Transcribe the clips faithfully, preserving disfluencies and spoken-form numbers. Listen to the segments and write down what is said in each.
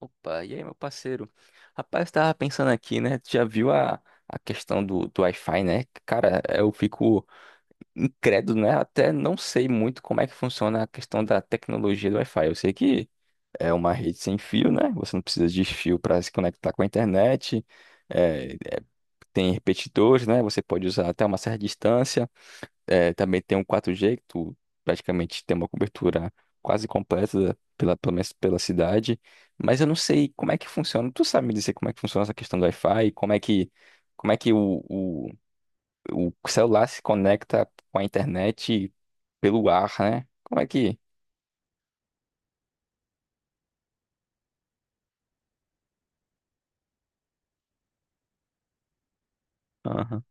Opa, e aí, meu parceiro? Rapaz, eu tava pensando aqui, né? Tu já viu a, a questão do, do Wi-Fi, né? Cara, eu fico incrédulo, né? Até não sei muito como é que funciona a questão da tecnologia do Wi-Fi. Eu sei que é uma rede sem fio, né? Você não precisa de fio para se conectar com a internet. É, é, tem repetidores, né? Você pode usar até uma certa distância. É, também tem um quatro G, que tu praticamente tem uma cobertura quase completa pela, pelo menos pela cidade. Mas eu não sei como é que funciona. Tu sabe me dizer como é que funciona essa questão do Wi-Fi? Como é que, como é que o, o, o celular se conecta com a internet pelo ar, né? Como é que. Aham.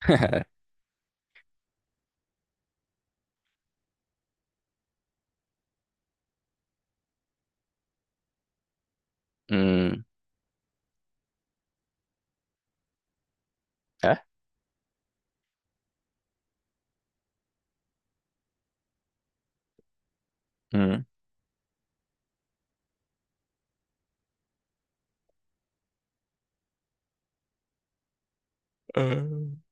Hum, é? Hum. Hum,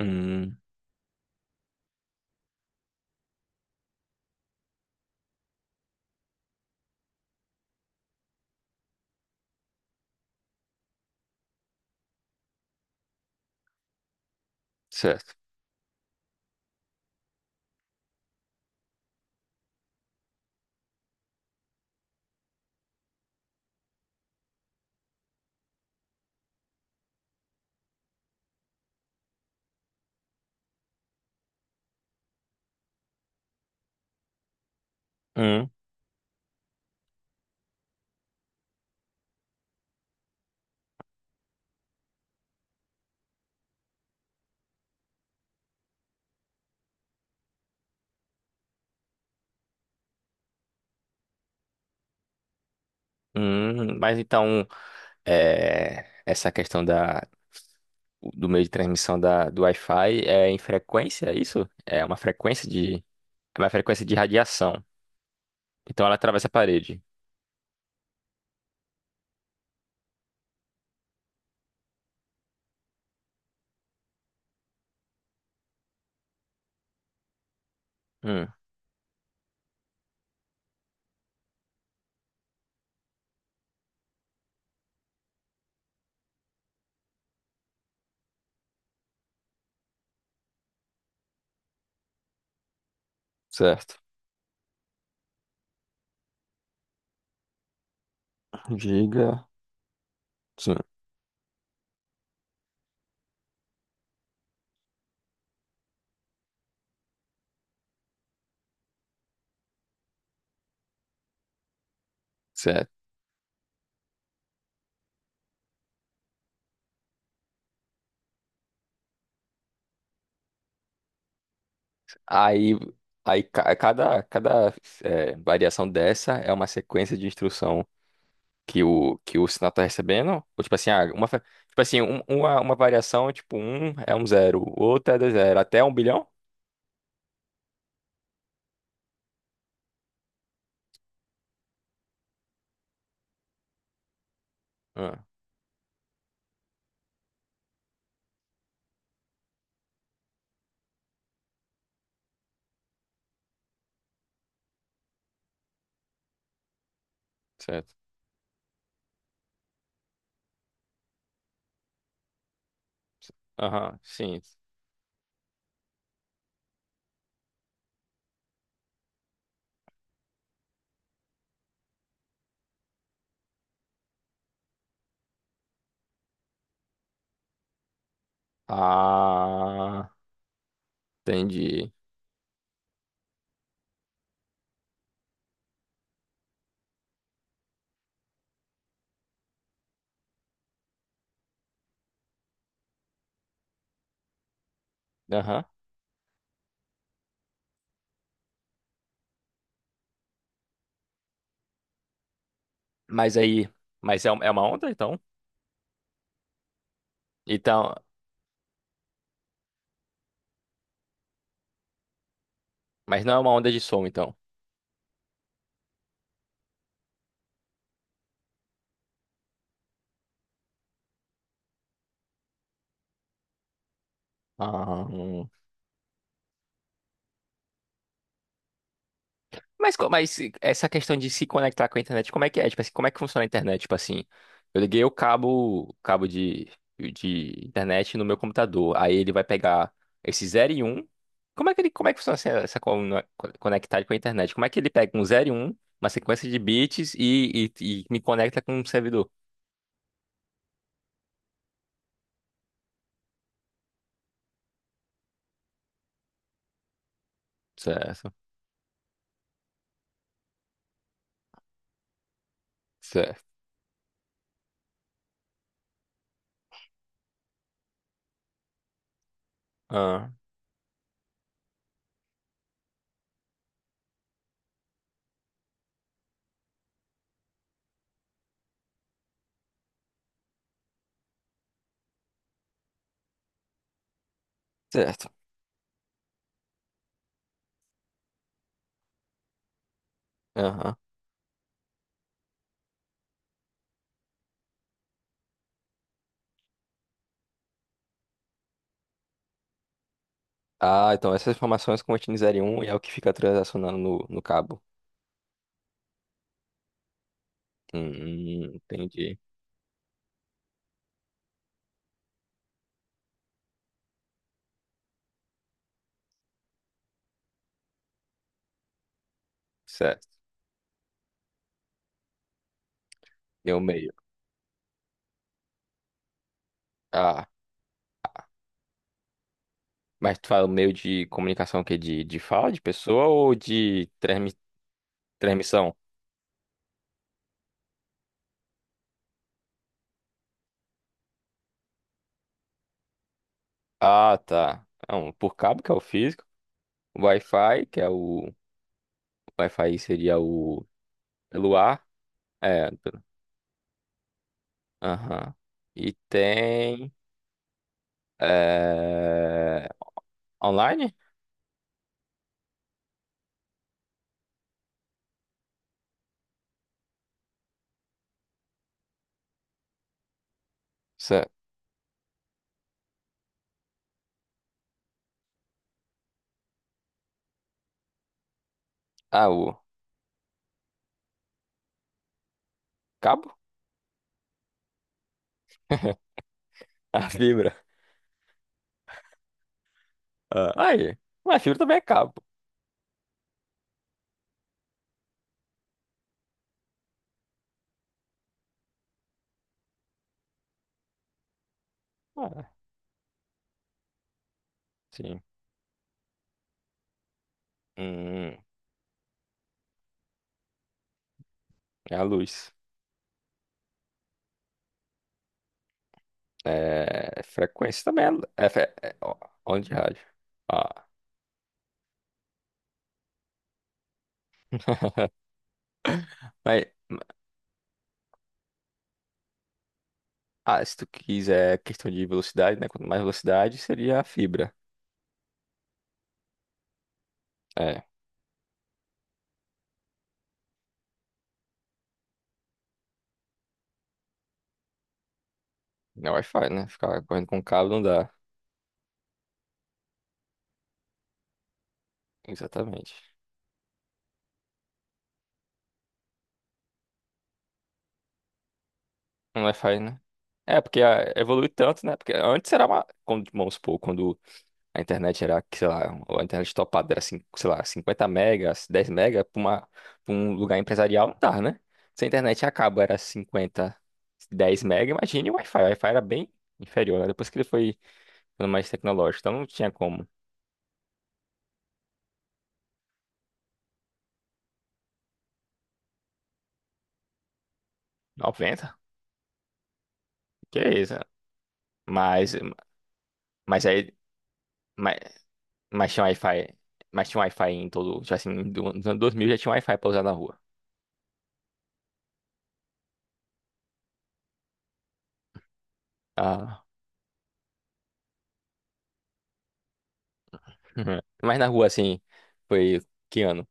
hum, certo. Hum, hum, mas então. É, essa questão da, do meio de transmissão da, do Wi-Fi é em frequência, é isso? É uma frequência de, é uma frequência de radiação. Então ela atravessa a parede. Hum, certo. Giga. Sim, certo. Aí, aí ca- cada, cada é, variação dessa é uma sequência de instrução que o, que o sinal está recebendo. Ou tipo assim, ah, uma, fre- tipo assim um- uma, uma variação, tipo, um é um zero, outra é dois zero, até um bilhão? Hum, certo. Aham, sim. Ah, entendi. Aham. Mas aí. Mas é, é uma onda, então? Então. Mas não é uma onda de som, então. Ah. Hum. Mas, co- mas essa questão de se conectar com a internet, como é que é? Tipo assim, como é que funciona a internet? Tipo assim, eu liguei o cabo, cabo de, de internet no meu computador. Aí ele vai pegar esse zero e um. Como é que ele, como é que funciona essa, essa coluna- conectar com a internet? Como é que ele pega um zero e um, uma sequência de bits e, e, e me conecta com um servidor? Certo, certo. Ah, certo. Aham. Ah, então essas informações contêm zero e um e é o que fica transacionando no, no cabo. Hum, hum, entendi. Certo. Deu meio. Ah, mas tu fala o meio de comunicação o quê? De, de fala de pessoa ou de transmi- transmissão? Ah, tá. Não, por cabo, que é o físico. O Wi-Fi, que é o. O Wi-Fi seria o. Pelo ar. É. pelo- Aham. E tem. É... Online? Isso- Ah, o. Cabo? A fibra. Ah, aí. Mas fibra também é cabo. Ah, sim. Hum, é a luz. É, frequência também é, é, fre- é ó, onda de rádio. Ah, mas, ah, se tu quiser questão de velocidade, né? Quanto mais velocidade, seria a fibra. É, não é Wi-Fi, né? Ficar correndo com cabo não dá. Exatamente. Não é Wi-Fi, né? É, porque ah, evolui tanto, né? Porque antes era uma. Quando, vamos supor, quando a internet era, que, sei lá, a internet topada era, cin- sei lá, cinquenta megas, dez mega para uma, pra um lugar empresarial não dá, né? Se a internet acaba, era cinquenta, dez mega, imagine o Wi-Fi. O Wi-Fi era bem inferior, né? Depois que ele foi ficando mais tecnológico, então não tinha como. noventa? Que é isso? Né? Mas, mas aí, mas, mas tinha Wi-Fi, mas tinha Wi-Fi em todo, já assim, do- nos anos dois mil já tinha Wi-Fi pra usar na rua. Ah, mas na rua, assim, foi que ano?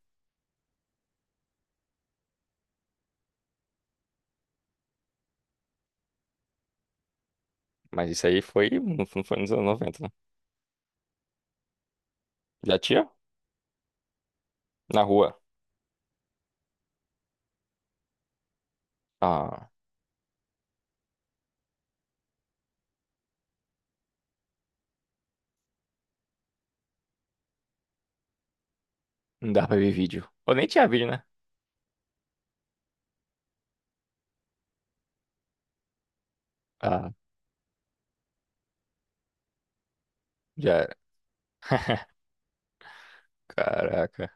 Mas isso aí foi, não foi nos anos noventa. Já tinha? Na rua. Ah, não dá pra ver vídeo. Ou nem tinha vídeo, né? Ah, já. Caraca.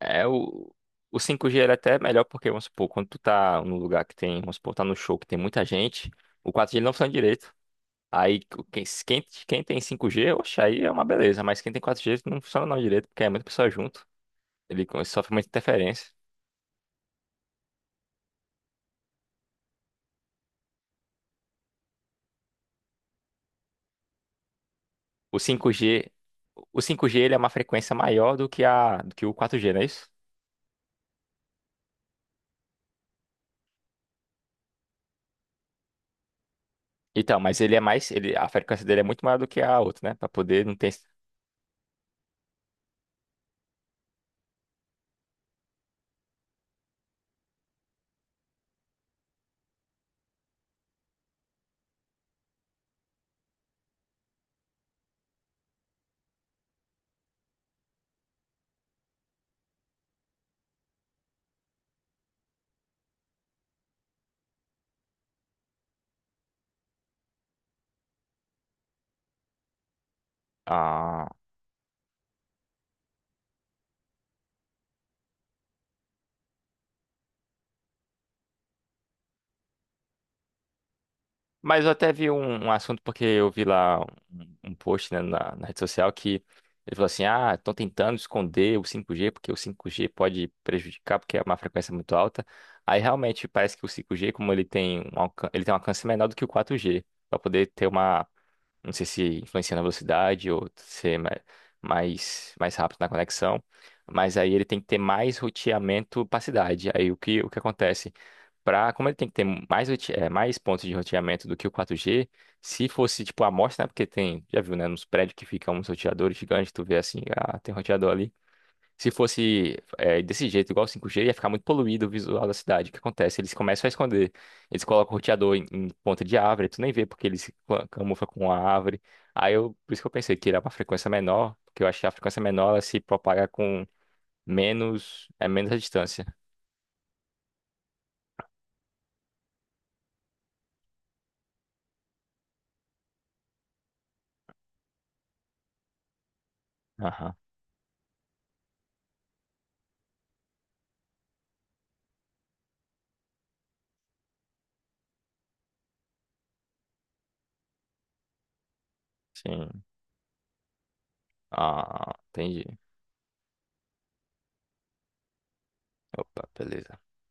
É, o, o cinco g era até melhor porque, vamos supor, quando tu tá num lugar que tem, vamos supor, tá no show que tem muita gente, o quatro g ele não funciona direito. Aí, quem, quem, quem tem cinco g oxe, aí é uma beleza, mas quem tem quatro g não funciona não direito, porque é muita pessoa junto. Ele co- sofre muita interferência. O cinco g o cinco g ele é uma frequência maior do que a, do que o quatro g, não é isso? Então, mas ele é mais, ele, a frequência dele é muito maior do que a outra, né? Pra poder não ter. Ah, mas eu até vi um, um assunto, porque eu vi lá um, um post, né, na, na rede social que ele falou assim: ah, estão tentando esconder o cinco G, porque o cinco G pode prejudicar, porque é uma frequência muito alta. Aí realmente parece que o cinco G, como ele tem um alcance, ele tem um alcance menor do que o quatro G, para poder ter uma não sei se influencia na velocidade ou ser ma- mais, mais rápido na conexão. Mas aí ele tem que ter mais roteamento para cidade. Aí o que, o que acontece? Pra, como ele tem que ter mais, rote- eh, mais pontos de roteamento do que o quatro G, se fosse tipo a amostra, né? Porque tem, já viu, né? Nos prédios que ficam uns roteadores gigantes, tu vê assim, ah, tem um roteador ali. Se fosse é, desse jeito, igual o cinco g ia ficar muito poluído o visual da cidade. O que acontece? Eles começam a esconder. Eles colocam o roteador em, em ponta de árvore, tu nem vê porque eles se cla- camufla com a árvore. Aí eu, por isso que eu pensei que era uma frequência menor, porque eu acho que a frequência menor ela se propaga com menos, é menos a distância. Aham, sim. Ah, entendi. Opa, beleza.